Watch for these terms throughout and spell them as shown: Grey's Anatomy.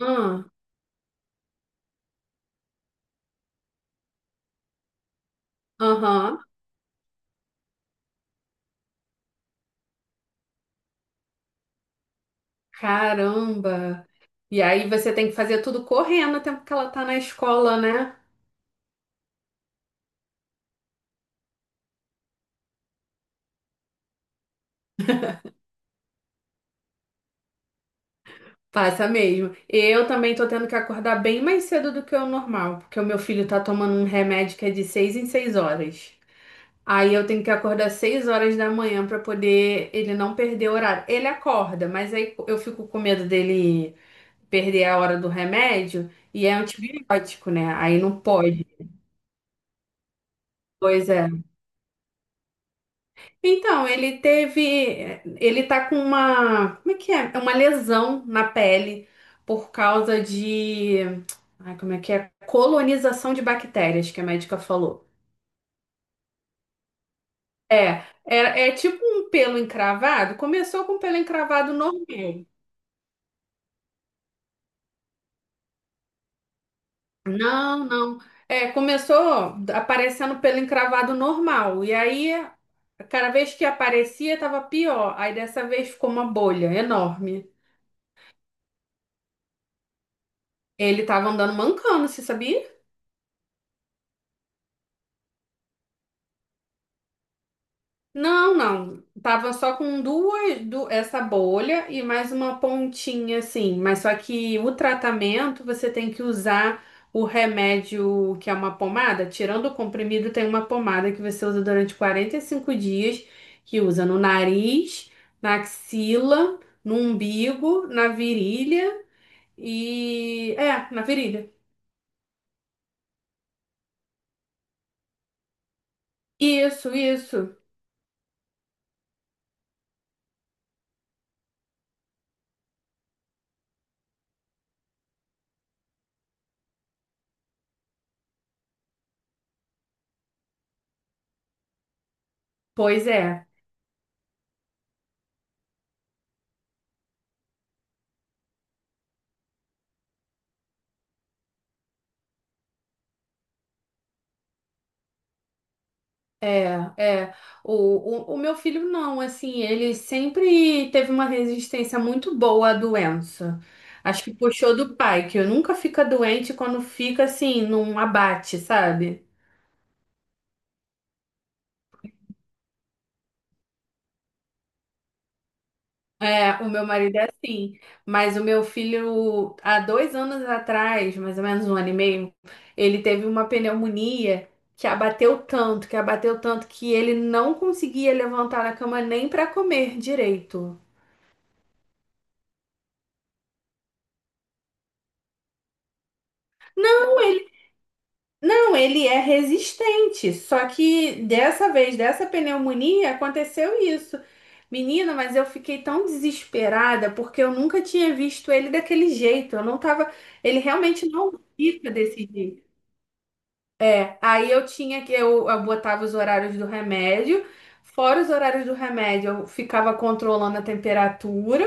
Ah, Aham. Caramba. E aí você tem que fazer tudo correndo o tempo que ela tá na escola, né? Passa mesmo. Eu também tô tendo que acordar bem mais cedo do que o normal, porque o meu filho tá tomando um remédio que é de 6 em 6 horas. Aí eu tenho que acordar 6 horas da manhã pra poder ele não perder o horário. Ele acorda, mas aí eu fico com medo dele perder a hora do remédio e é antibiótico, né? Aí não pode. Pois é. Então, ele teve, ele tá com uma, como é que é? É uma lesão na pele por causa de, ai, como é que é? Colonização de bactérias, que a médica falou. É, é tipo um pelo encravado. Começou com pelo encravado normal. Não, não. É, começou aparecendo pelo encravado normal. E aí, cada vez que aparecia, tava pior. Aí dessa vez ficou uma bolha enorme. Ele tava andando mancando, você sabia? Não, não. Tava só com duas, essa bolha e mais uma pontinha assim. Mas só que o tratamento você tem que usar o remédio que é uma pomada. Tirando o comprimido, tem uma pomada que você usa durante 45 dias, que usa no nariz, na axila, no umbigo, na virilha e. É, na virilha. Isso, isso. Pois é. É, é. O, o meu filho não, assim, ele sempre teve uma resistência muito boa à doença. Acho que puxou do pai, que nunca fica doente quando fica assim, num abate, sabe? É, o meu marido é assim, mas o meu filho, há 2 anos atrás, mais ou menos 1 ano e meio, ele teve uma pneumonia que abateu tanto, que abateu tanto, que ele não conseguia levantar da cama nem para comer direito. Não, ele é resistente. Só que dessa vez, dessa pneumonia, aconteceu isso. Menina, mas eu fiquei tão desesperada porque eu nunca tinha visto ele daquele jeito. Eu não tava. Ele realmente não fica desse jeito. Aí eu tinha que. Eu botava os horários do remédio. Fora os horários do remédio, eu ficava controlando a temperatura.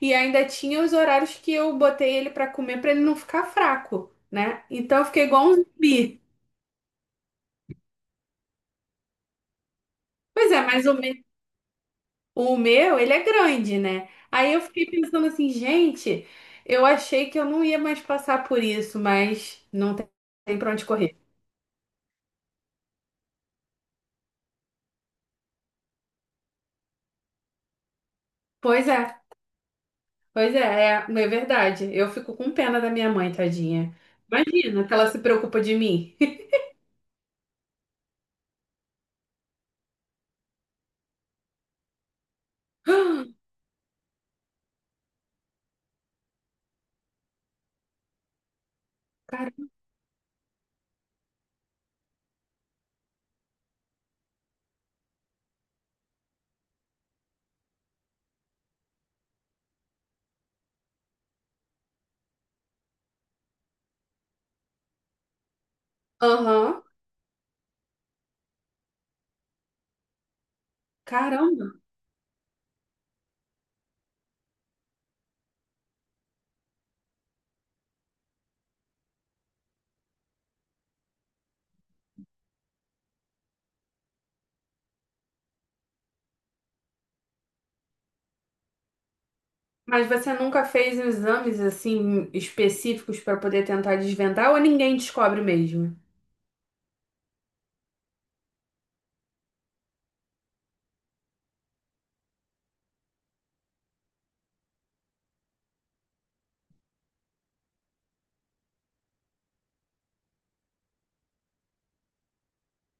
E ainda tinha os horários que eu botei ele pra comer pra ele não ficar fraco, né? Então eu fiquei igual um zumbi. Pois é, mais ou menos. O meu, ele é grande, né? Aí eu fiquei pensando assim, gente, eu achei que eu não ia mais passar por isso, mas não tem pra onde correr. Pois é, pois é, é, é verdade. Eu fico com pena da minha mãe, tadinha. Imagina que ela se preocupa de mim. Caramba. Aham, Caramba. Mas você nunca fez exames assim específicos pra poder tentar desvendar ou ninguém descobre mesmo?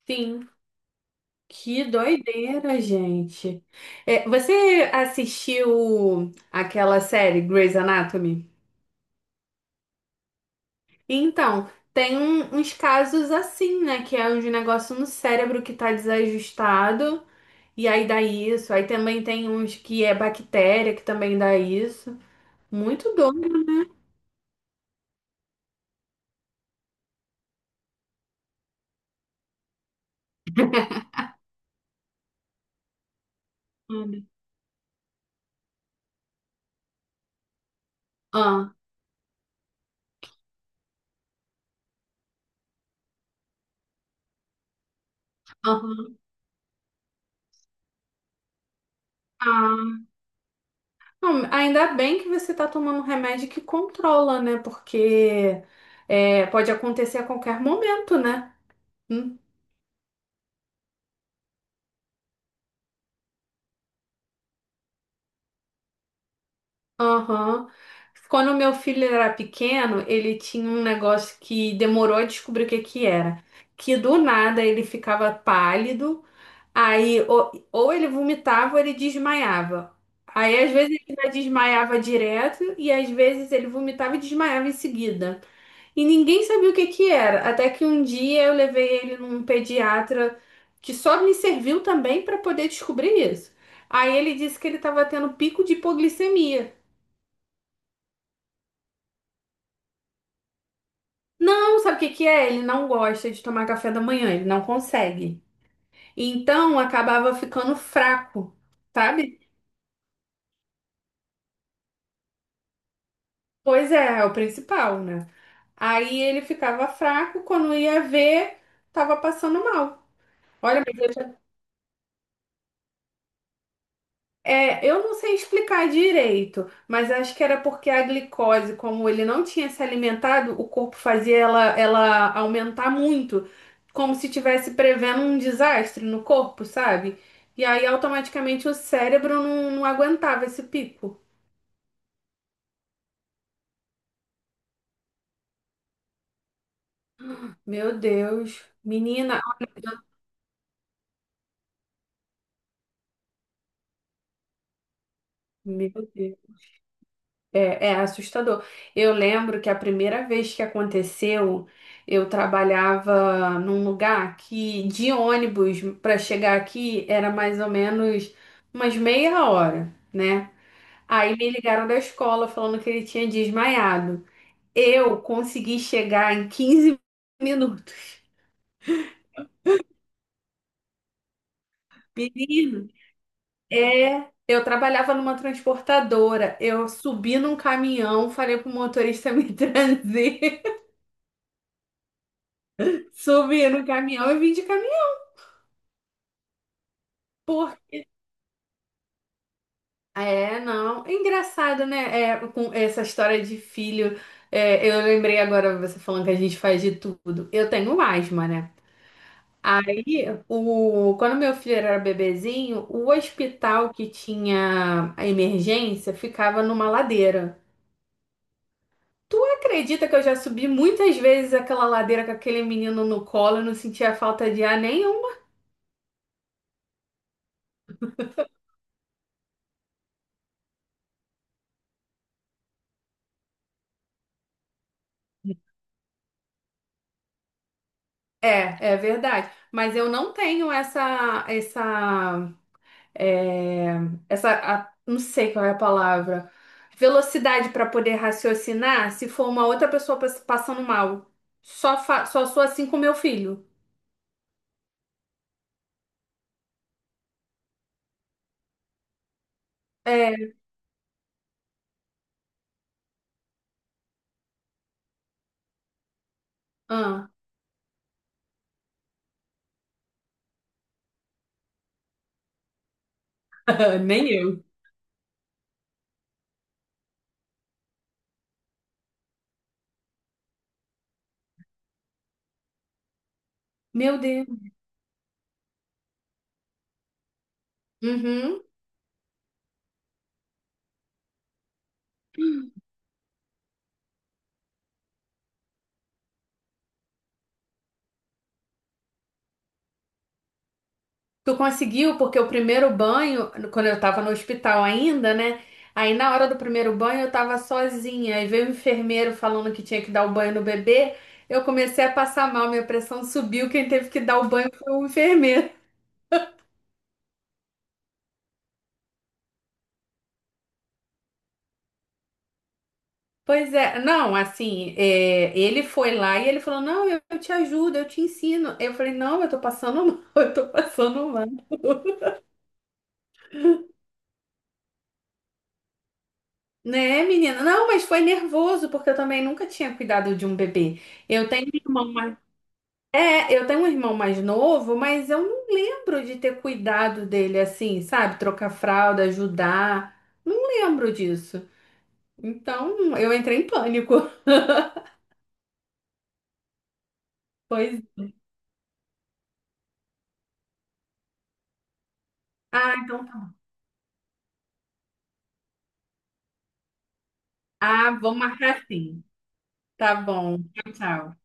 Sim. Que doideira, gente. É, você assistiu aquela série Grey's Anatomy? Então, tem uns casos assim, né? Que é um negócio no cérebro que tá desajustado e aí dá isso. Aí também tem uns que é bactéria que também dá isso. Muito doido. Ah, aham. Ah, não, ainda bem que você tá tomando um remédio que controla, né? Porque é, pode acontecer a qualquer momento, né? Hum. Aham. Quando meu filho era pequeno, ele tinha um negócio que demorou a descobrir o que que era. Que do nada ele ficava pálido, aí ou ele vomitava ou ele desmaiava. Aí às vezes ele já desmaiava direto e às vezes ele vomitava e desmaiava em seguida. E ninguém sabia o que que era. Até que um dia eu levei ele num pediatra que só me serviu também para poder descobrir isso. Aí ele disse que ele estava tendo pico de hipoglicemia. Não, sabe o que que é? Ele não gosta de tomar café da manhã, ele não consegue. Então acabava ficando fraco, sabe? Pois é, é o principal, né? Aí ele ficava fraco, quando ia ver, tava passando mal. Olha, é, eu não sei explicar direito, mas acho que era porque a glicose, como ele não tinha se alimentado, o corpo fazia ela aumentar muito, como se tivesse prevendo um desastre no corpo, sabe? E aí automaticamente o cérebro não aguentava esse pico. Meu Deus, menina, meu Deus. É, é assustador. Eu lembro que a primeira vez que aconteceu, eu trabalhava num lugar que de ônibus para chegar aqui era mais ou menos umas meia hora, né? Aí me ligaram da escola falando que ele tinha desmaiado. Eu consegui chegar em 15 minutos. Menino, é. Eu trabalhava numa transportadora. Eu subi num caminhão, falei pro motorista me trazer. Subi no caminhão e vim de caminhão. Por... É, não. É engraçado, né? É, com essa história de filho. É, eu lembrei agora você falando que a gente faz de tudo. Eu tenho asma, né? Aí, o... quando meu filho era bebezinho, o hospital que tinha a emergência ficava numa ladeira. Tu acredita que eu já subi muitas vezes aquela ladeira com aquele menino no colo e não sentia falta de ar nenhum? É, é verdade. Mas eu não tenho essa, essa é, não sei qual é a palavra, velocidade para poder raciocinar se for uma outra pessoa passando mal. Só sou assim com meu filho. É, ah, Nem eu. Meu Deus. Uhum. Tu conseguiu, porque o primeiro banho, quando eu tava no hospital ainda, né? Aí na hora do primeiro banho eu tava sozinha. Aí veio o enfermeiro falando que tinha que dar o banho no bebê. Eu comecei a passar mal, minha pressão subiu. Quem teve que dar o banho foi o enfermeiro. Pois é, não, assim, é, ele foi lá e ele falou, não, eu te ajudo, eu te ensino. Eu falei, não, eu tô passando mal, eu tô passando mal. Né, menina? Não, mas foi nervoso, porque eu também nunca tinha cuidado de um bebê. Eu tenho um irmão mais... É, eu tenho um irmão mais novo, mas eu não lembro de ter cuidado dele assim, sabe? Trocar fralda, ajudar. Não lembro disso. Então, eu entrei em pânico. Pois... Ah, então tá bom. Ah, vamos marcar sim. Tá bom. Tchau, tchau.